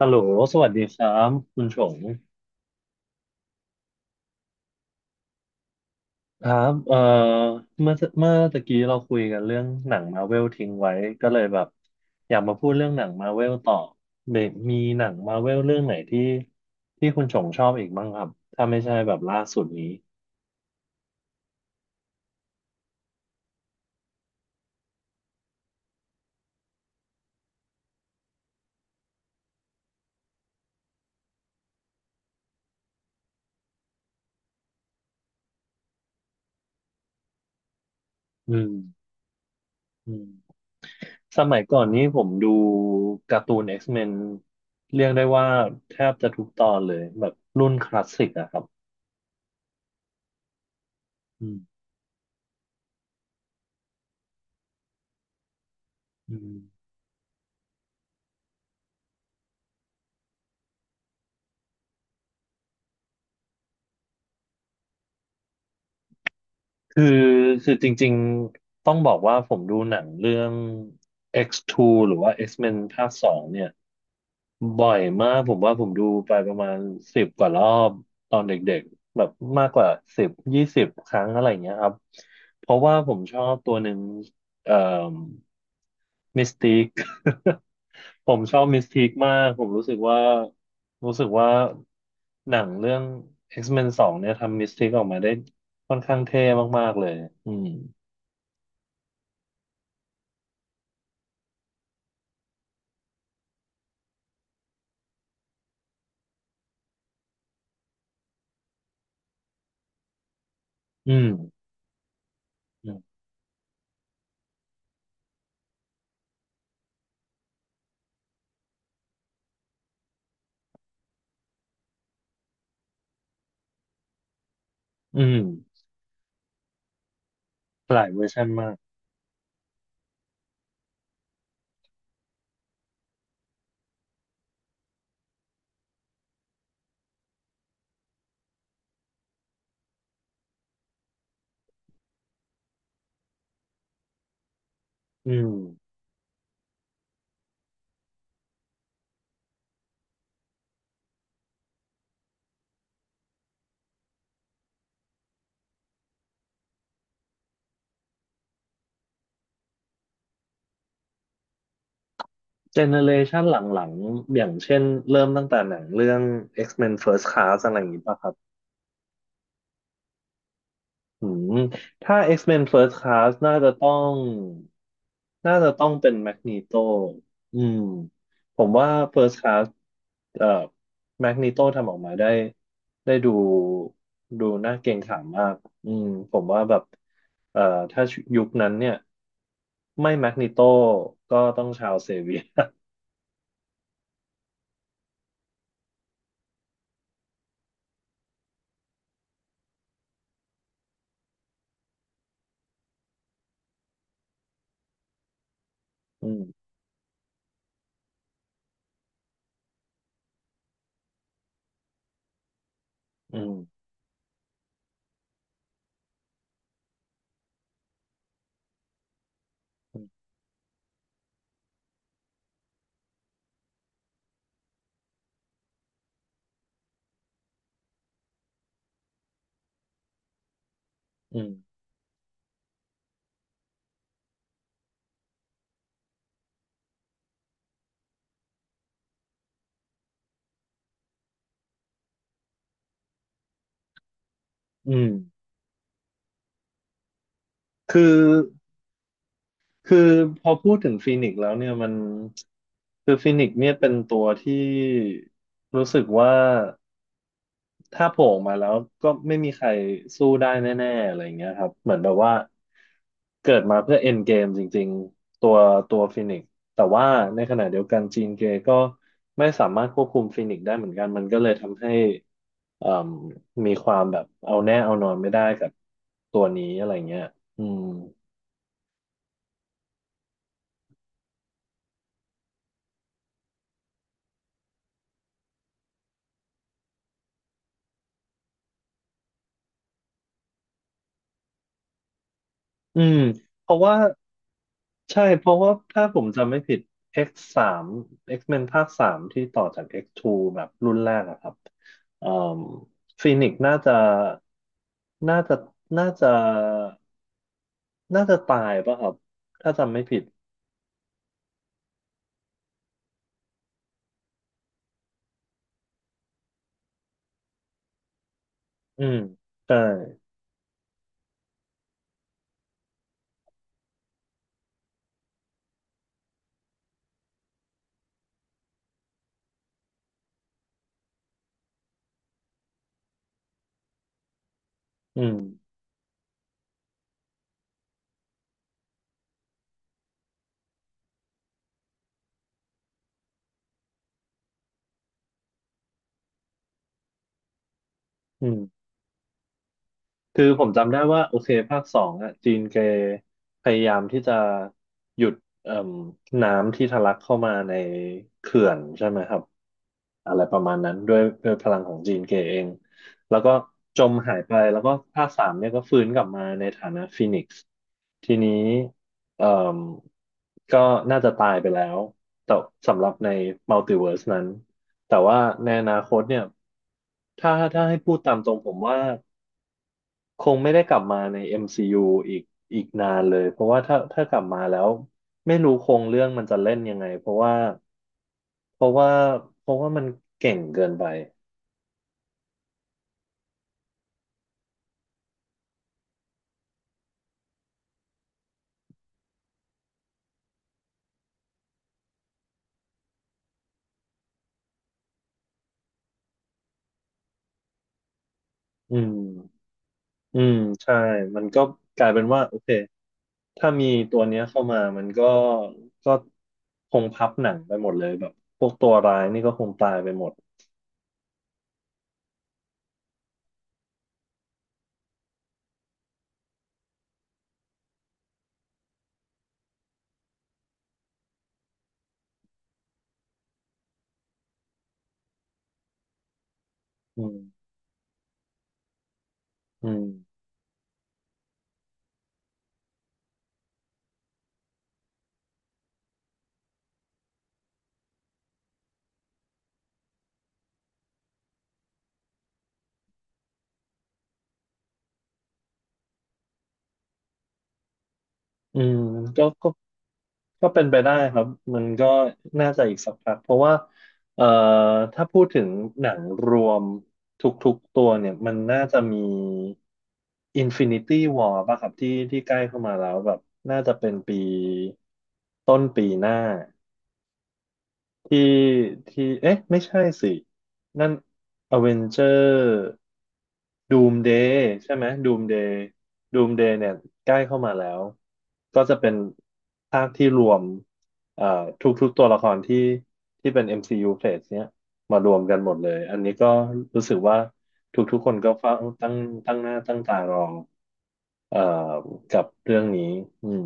ฮัลโหลสวัสดีครับคุณชงครับเมื่อเมื่อตะกี้เราคุยกันเรื่องหนังมาเวลทิ้งไว้ก็เลยแบบอยากมาพูดเรื่องหนังมาเวลต่อเบกมีหนังมาเวลเรื่องไหนที่ที่คุณชงชอบอีกบ้างครับ ถ้าไม่ใช่แบบล่าสุดนี้ อืม อืม สมัยก่อนนี้ผมดูการ์ตูน X-Men เรียกได้ว่าแทบจะทุกตอนเลยแบบรุ่นคลาสสิกอะครับอืมอืม คือคือจริงๆต้องบอกว่าผมดูหนังเรื่อง X2 หรือว่า X-Men ภาคสองเนี่ยบ่อยมากผมว่าผมดูไปประมาณ10 กว่ารอบตอนเด็กๆแบบมากกว่า10-20 ครั้งอะไรเงี้ยครับเพราะว่าผมชอบตัวหนึ่งเอ่อมิสติก ผมชอบมิสติกมากผมรู้สึกว่ารู้สึกว่าหนังเรื่อง X-Men สองเนี่ยทำมิสติกออกมาได้ค่อนข้างเท่มากๆเลยอืม อืมอืมอืมหลายเวอร์ชันมากอืมเจเนเรชันหลังๆอย่างเช่นเริ่มตั้งแต่หนังเรื่อง X-Men First Class อะไรอย่างนี้ป่ะครับ อืมถ้า X-Men First Class น่าจะต้องเป็นแมกนีโตอืมผมว่า First Class เอ่อแมกนีโตทำออกมาได้ดูน่าเกรงขามมากอืมผมว่าแบบเอ่อถ้ายุคนั้นเนี่ยไม่แมกนีโตก็ต้องชาวเซเวียร์ อืมอืมอืมอืมคือ คือพอพูดถึงฟีนิกซ์แล้วเนี่ยมันคือฟีนิกซ์เนี่ยเป็นตัวที่รู้สึกว่าถ้าโผล่ออกมาแล้วก็ไม่มีใครสู้ได้แน่ๆอะไรอย่างเงี้ยครับเหมือนแบบว่าเกิดมาเพื่อเอ็นเกมจริงๆตัวฟีนิกซ์แต่ว่าในขณะเดียวกันจีนเกย์ก็ไม่สามารถควบคุมฟีนิกซ์ได้เหมือนกันมันก็เลยทำให้เอ่มมีความแบบเอาแน่เอานอนไม่ได้กับตัวนี้อะไรเงี้ยอืมอืมเพราะว่า ใช่ เพราะว่าถ้าผมจำไม่ผิด X3 X-Men ภาคสามที่ต่อจาก X 2แบบรุ่นแรกอะครับเอ่มฟีนิกซ์น่าจะ น่าจะ น่าจะตายป่ะครับ ถ้าจำไม่ผิดอืมใช่อืมอืม คือผมจำได้ว่าโอเคภาคสองอ่ะจีนแกพยายามที่จะหยุดเอ่มน้ำที่ทะลักเข้ามาในเขื่อนใช่ไหมครับอะไรประมาณนั้นด้วยด้วยพลังของจีนแกเองแล้วก็จมหายไปแล้วก็ภาคสามเนี่ยก็ฟื้นกลับมาในฐานะฟีนิกซ์ทีนี้เอ่มก็น่าจะตายไปแล้วแต่สำหรับในมัลติเวิร์สนั้นแต่ว่าในอนาคตเนี่ยถ้าให้พูดตามตรงผมว่า คงไม่ได้กลับมาใน MCU อมซียูอีกอีกนานเลยเพราะว่าถ้ากลับมาแล้วไม่รู้โครงเรื่องมันจะเล่นยังไง เพราะว่าเพราะว่าเพราะว่ามันเก่งเกินไปอืมอืมใช่มันก็กลายเป็นว่าโอเคถ้ามีตัวเนี้ยเข้ามามันก็คงพับหนังไปหมดเลยแบบพวกตัวร้ายนี่ก็คงตายไปหมดอืมอืมอืมก็ก็ ก็เป็นไปได้ครับมันก็น่าจะอีกสักพักเพราะว่าเอ่อถ้าพูดถึงหนังรวมทุกๆตัวเนี่ย มันน่าจะมี Infinity War ป่ะครับที่ใกล้เข้ามาแล้วแบบน่าจะเป็นปีต้นปีหน้า ที่ที่เอ๊ะไม่ใช่สินั่นอเวนเจอร์ดูมเดย์ใช่ไหมดูมเดย์ดูมเดย์เนี่ยใกล้เข้ามาแล้วก็จะเป็นภาคที่รวมเอ่อทุกๆตัวละครที่ที่เป็น MCU Phase เนี้ยมารวมกันหมดเลยอันนี้ก็รู้สึกว่าทุกๆคนก็เฝ้าตั้งตั้งหน้าตั้งตารอเอ่อกับเรื่องนี้อืม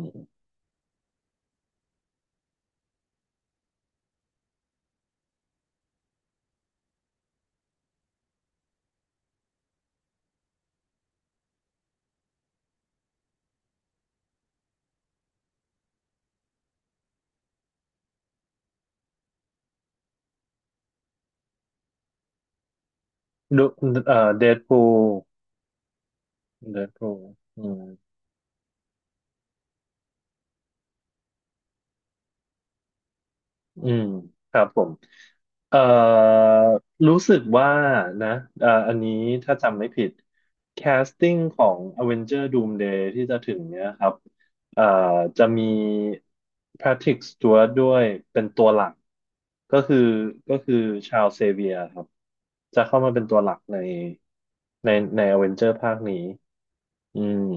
ดูเดดพูลเดดพูลอืม อืมครับผมเอ่อรู้สึกว่านะอันนี้ถ้าจำไม่ผิดแคสติ้งของ Avenger Doomsday ที่จะถึงเนี้ยครับเอ่อจะมี Patrick Stewart ด้วยเป็นตัวหลักก็คือก็คือชา l เซเวียครับจะเข้ามาเป็นตัวหลักในในใน Avenger ภาคนี้อืม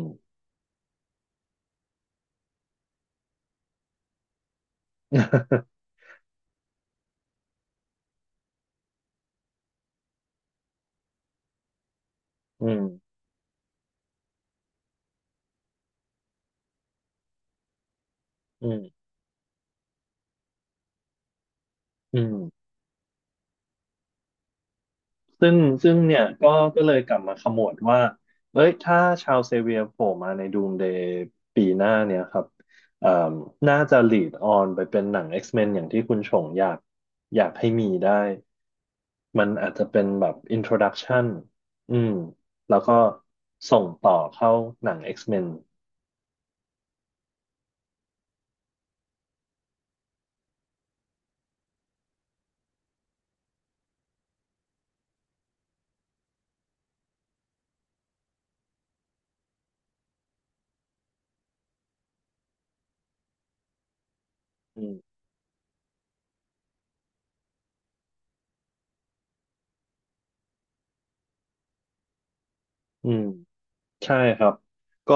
อืมอืมอืม ซึ่งซึ่งเนี่ยก็เลยกลับมาขมวดว่าเอ้ยถ้าชาวเซเวียโผล่มาในดูมเดย์ปีหน้าเนี่ยครับเอ่มน่าจะ lead on ไปเป็นหนัง X-Men อย่างที่คุณชงอยากให้มีได้ มันอาจจะเป็นแบบ introduction อืมแล้วก็ส่งต่อเข้าหนัง X-Men อืมอืม ใช่ครับก็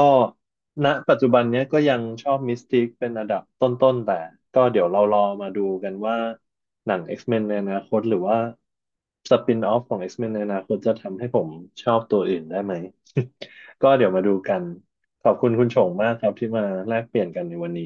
ณปัจจุบันเนี้ยก็ยังชอบมิสติกเป็นระดับต้นๆแต่ก็เดี๋ยวเรารอมาดูกันว่าหนัง X-Men ในอนาคตหรือว่าสปินออฟของ X-Men ในอนาคตจะทำให้ผมชอบตัวอื่นได้ไหม ก็เดี๋ยวมาดูกันขอบคุณคุณชงมากครับที่มาแลกเปลี่ยนกันในวันนี้